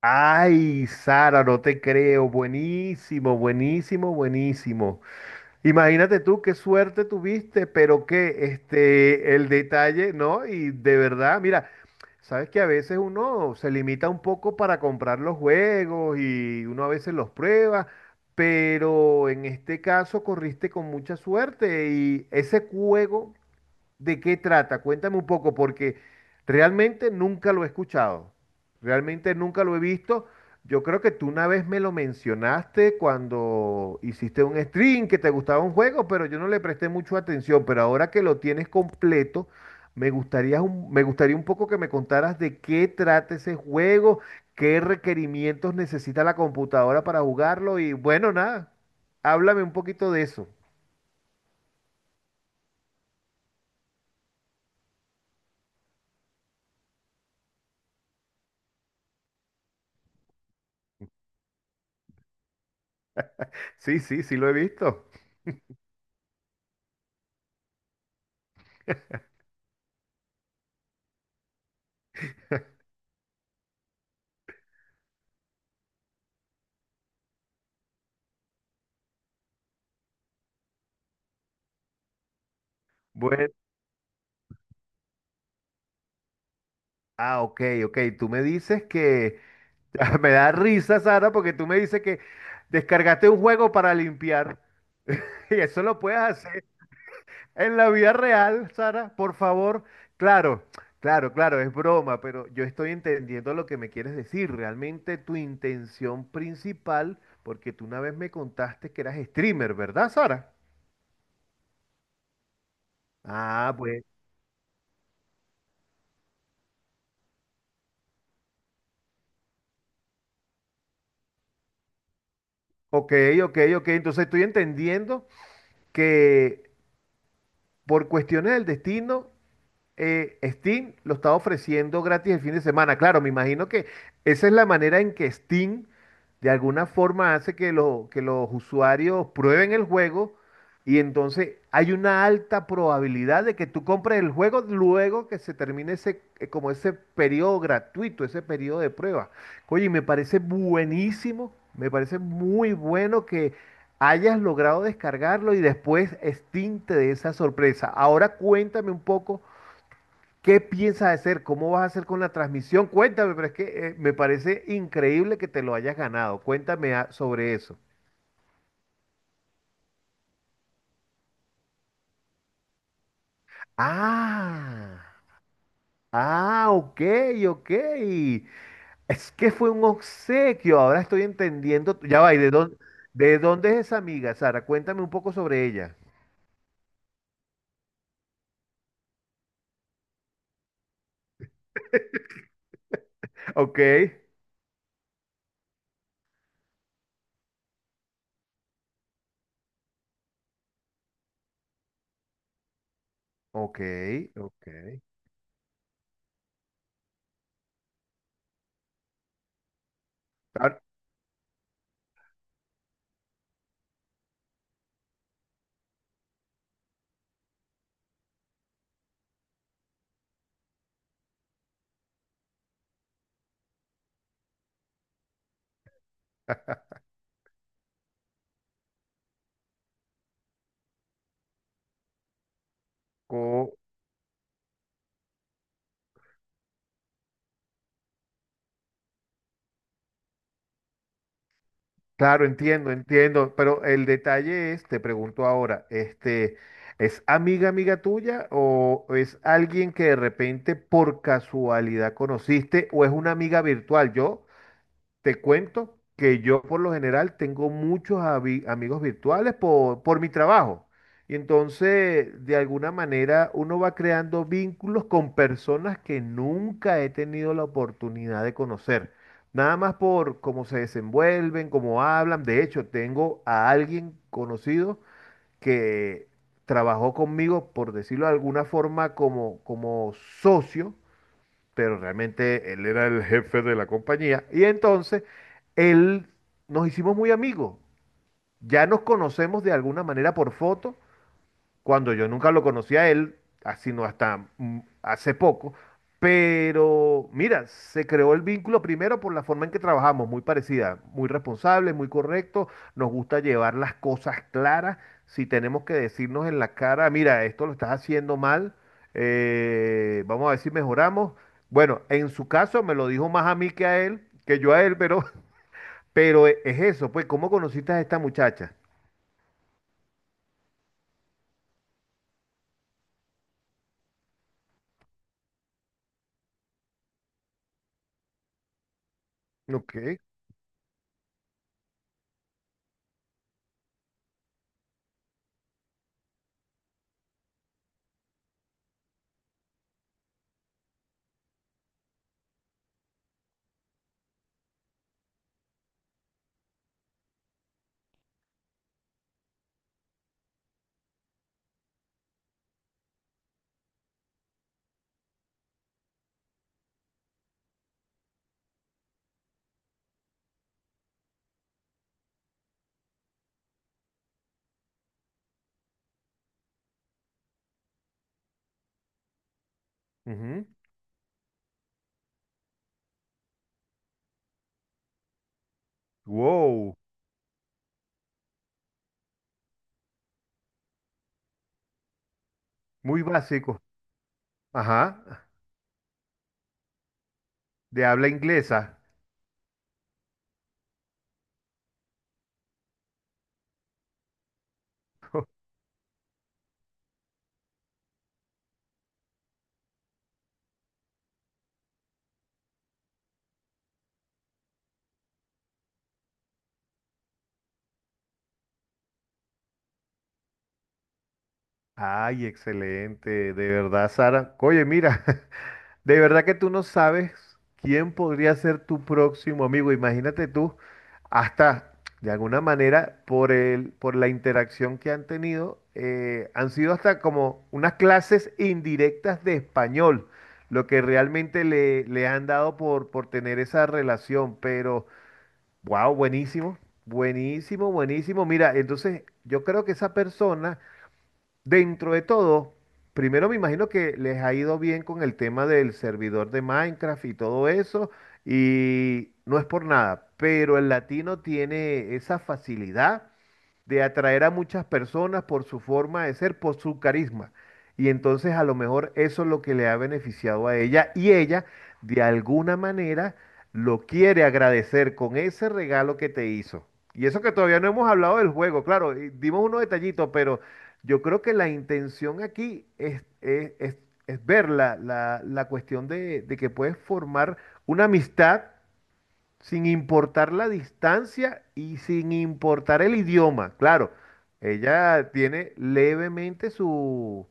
Ay, Sara, no te creo. Buenísimo, buenísimo, buenísimo. Imagínate tú qué suerte tuviste, pero que este, el detalle, ¿no? Y de verdad, mira, sabes que a veces uno se limita un poco para comprar los juegos y uno a veces los prueba, pero en este caso corriste con mucha suerte y ese juego. ¿De qué trata? Cuéntame un poco, porque realmente nunca lo he escuchado, realmente nunca lo he visto. Yo creo que tú una vez me lo mencionaste cuando hiciste un stream que te gustaba un juego, pero yo no le presté mucho atención. Pero ahora que lo tienes completo, me gustaría un poco que me contaras de qué trata ese juego, qué requerimientos necesita la computadora para jugarlo y bueno, nada, háblame un poquito de eso. Sí, sí, sí lo he visto. Bueno. Ah, ok, ok. Tú me dices que... Me da risa, Sara, porque tú me dices que descargaste un juego para limpiar. Y eso lo puedes hacer en la vida real, Sara, por favor. Claro, claro, claro, es broma, pero yo estoy entendiendo lo que me quieres decir. Realmente tu intención principal, porque tú una vez me contaste que eras streamer, ¿verdad, Sara? Ah, pues. Ok, ok, ok. Entonces estoy entendiendo que por cuestiones del destino Steam lo está ofreciendo gratis el fin de semana. Claro, me imagino que esa es la manera en que Steam de alguna forma hace que, que los usuarios prueben el juego y entonces hay una alta probabilidad de que tú compres el juego luego que se termine ese, como ese periodo gratuito, ese periodo de prueba. Oye, y me parece buenísimo, me parece muy bueno que hayas logrado descargarlo y después Steam te dé esa sorpresa. Ahora cuéntame un poco. ¿Qué piensas hacer? ¿Cómo vas a hacer con la transmisión? Cuéntame, pero es que me parece increíble que te lo hayas ganado. Cuéntame sobre eso. Ah, ah, ok, ok. Es que fue un obsequio, ahora estoy entendiendo. Ya va, ¿y de dónde es esa amiga, Sara? Cuéntame un poco sobre ella. Ok, ok, ok. Ahora, claro, entiendo, entiendo, pero el detalle es, te pregunto ahora, este, ¿es amiga, amiga tuya o es alguien que de repente por casualidad conociste o es una amiga virtual? Yo te cuento que yo por lo general tengo muchos amigos virtuales por mi trabajo. Y entonces, de alguna manera, uno va creando vínculos con personas que nunca he tenido la oportunidad de conocer. Nada más por cómo se desenvuelven, cómo hablan. De hecho, tengo a alguien conocido que trabajó conmigo, por decirlo de alguna forma, como socio pero realmente él era el jefe de la compañía. Y entonces él nos hicimos muy amigos. Ya nos conocemos de alguna manera por foto, cuando yo nunca lo conocí a él, ah, sino hasta hace poco. Pero mira, se creó el vínculo primero por la forma en que trabajamos, muy parecida, muy responsable, muy correcto, nos gusta llevar las cosas claras, si tenemos que decirnos en la cara, mira, esto lo estás haciendo mal, vamos a ver si mejoramos. Bueno, en su caso me lo dijo más a mí que a él, que yo a él, pero, pero es eso, pues, ¿cómo conociste a esta muchacha? Ok. Ujú. Wow, muy básico. Ajá, de habla inglesa. Ay, excelente, de verdad, Sara. Oye, mira, de verdad que tú no sabes quién podría ser tu próximo amigo. Imagínate tú, hasta de alguna manera, por la interacción que han tenido, han sido hasta como unas clases indirectas de español, lo que realmente le han dado por tener esa relación, pero... Wow, buenísimo, buenísimo, buenísimo. Mira, entonces yo creo que esa persona, dentro de todo, primero me imagino que les ha ido bien con el tema del servidor de Minecraft y todo eso, y no es por nada, pero el latino tiene esa facilidad de atraer a muchas personas por su forma de ser, por su carisma. Y entonces a lo mejor eso es lo que le ha beneficiado a ella y ella de alguna manera lo quiere agradecer con ese regalo que te hizo. Y eso que todavía no hemos hablado del juego, claro, y dimos unos detallitos, pero yo creo que la intención aquí es ver la cuestión de que puedes formar una amistad sin importar la distancia y sin importar el idioma. Claro, ella tiene levemente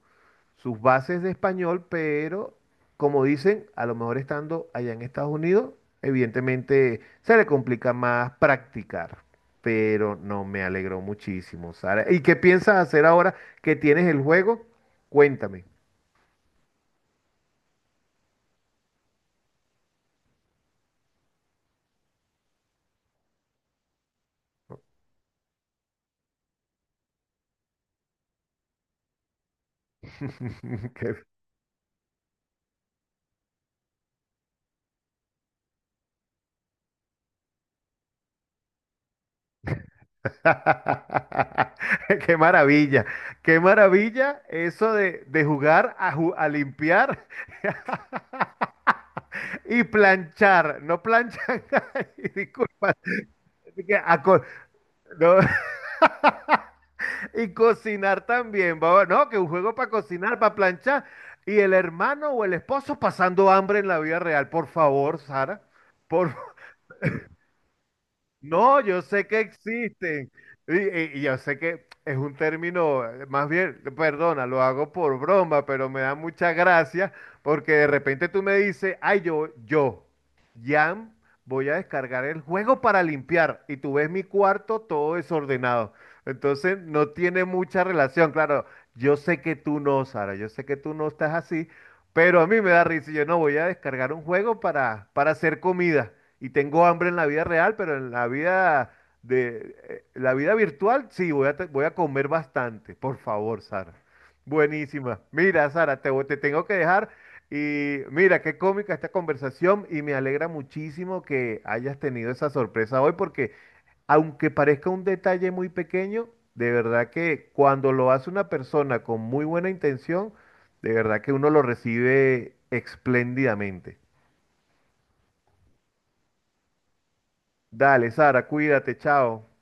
sus bases de español, pero como dicen, a lo mejor estando allá en Estados Unidos, evidentemente se le complica más practicar. Pero no me alegró muchísimo, Sara. ¿Y qué piensas hacer ahora que tienes el juego? Cuéntame. Qué qué maravilla, qué maravilla eso de jugar a, a limpiar y planchar, no planchan, ay, disculpa, así que a co- no, y cocinar también, baba, no, que un juego para cocinar, para planchar, y el hermano o el esposo pasando hambre en la vida real, por favor, Sara, por No, yo sé que existen. Y yo sé que es un término, más bien, perdona, lo hago por broma, pero me da mucha gracia porque de repente tú me dices, ay, yo, Jan, voy a descargar el juego para limpiar. Y tú ves mi cuarto todo desordenado. Entonces no tiene mucha relación. Claro, yo sé que tú no, Sara, yo sé que tú no estás así, pero a mí me da risa, y yo no voy a descargar un juego para hacer comida. Y tengo hambre en la vida real, pero en la vida de la vida virtual sí voy a comer bastante. Por favor, Sara. Buenísima. Mira, Sara, te tengo que dejar. Y mira, qué cómica esta conversación y me alegra muchísimo que hayas tenido esa sorpresa hoy porque aunque parezca un detalle muy pequeño, de verdad que cuando lo hace una persona con muy buena intención, de verdad que uno lo recibe espléndidamente. Dale, Sara, cuídate, chao.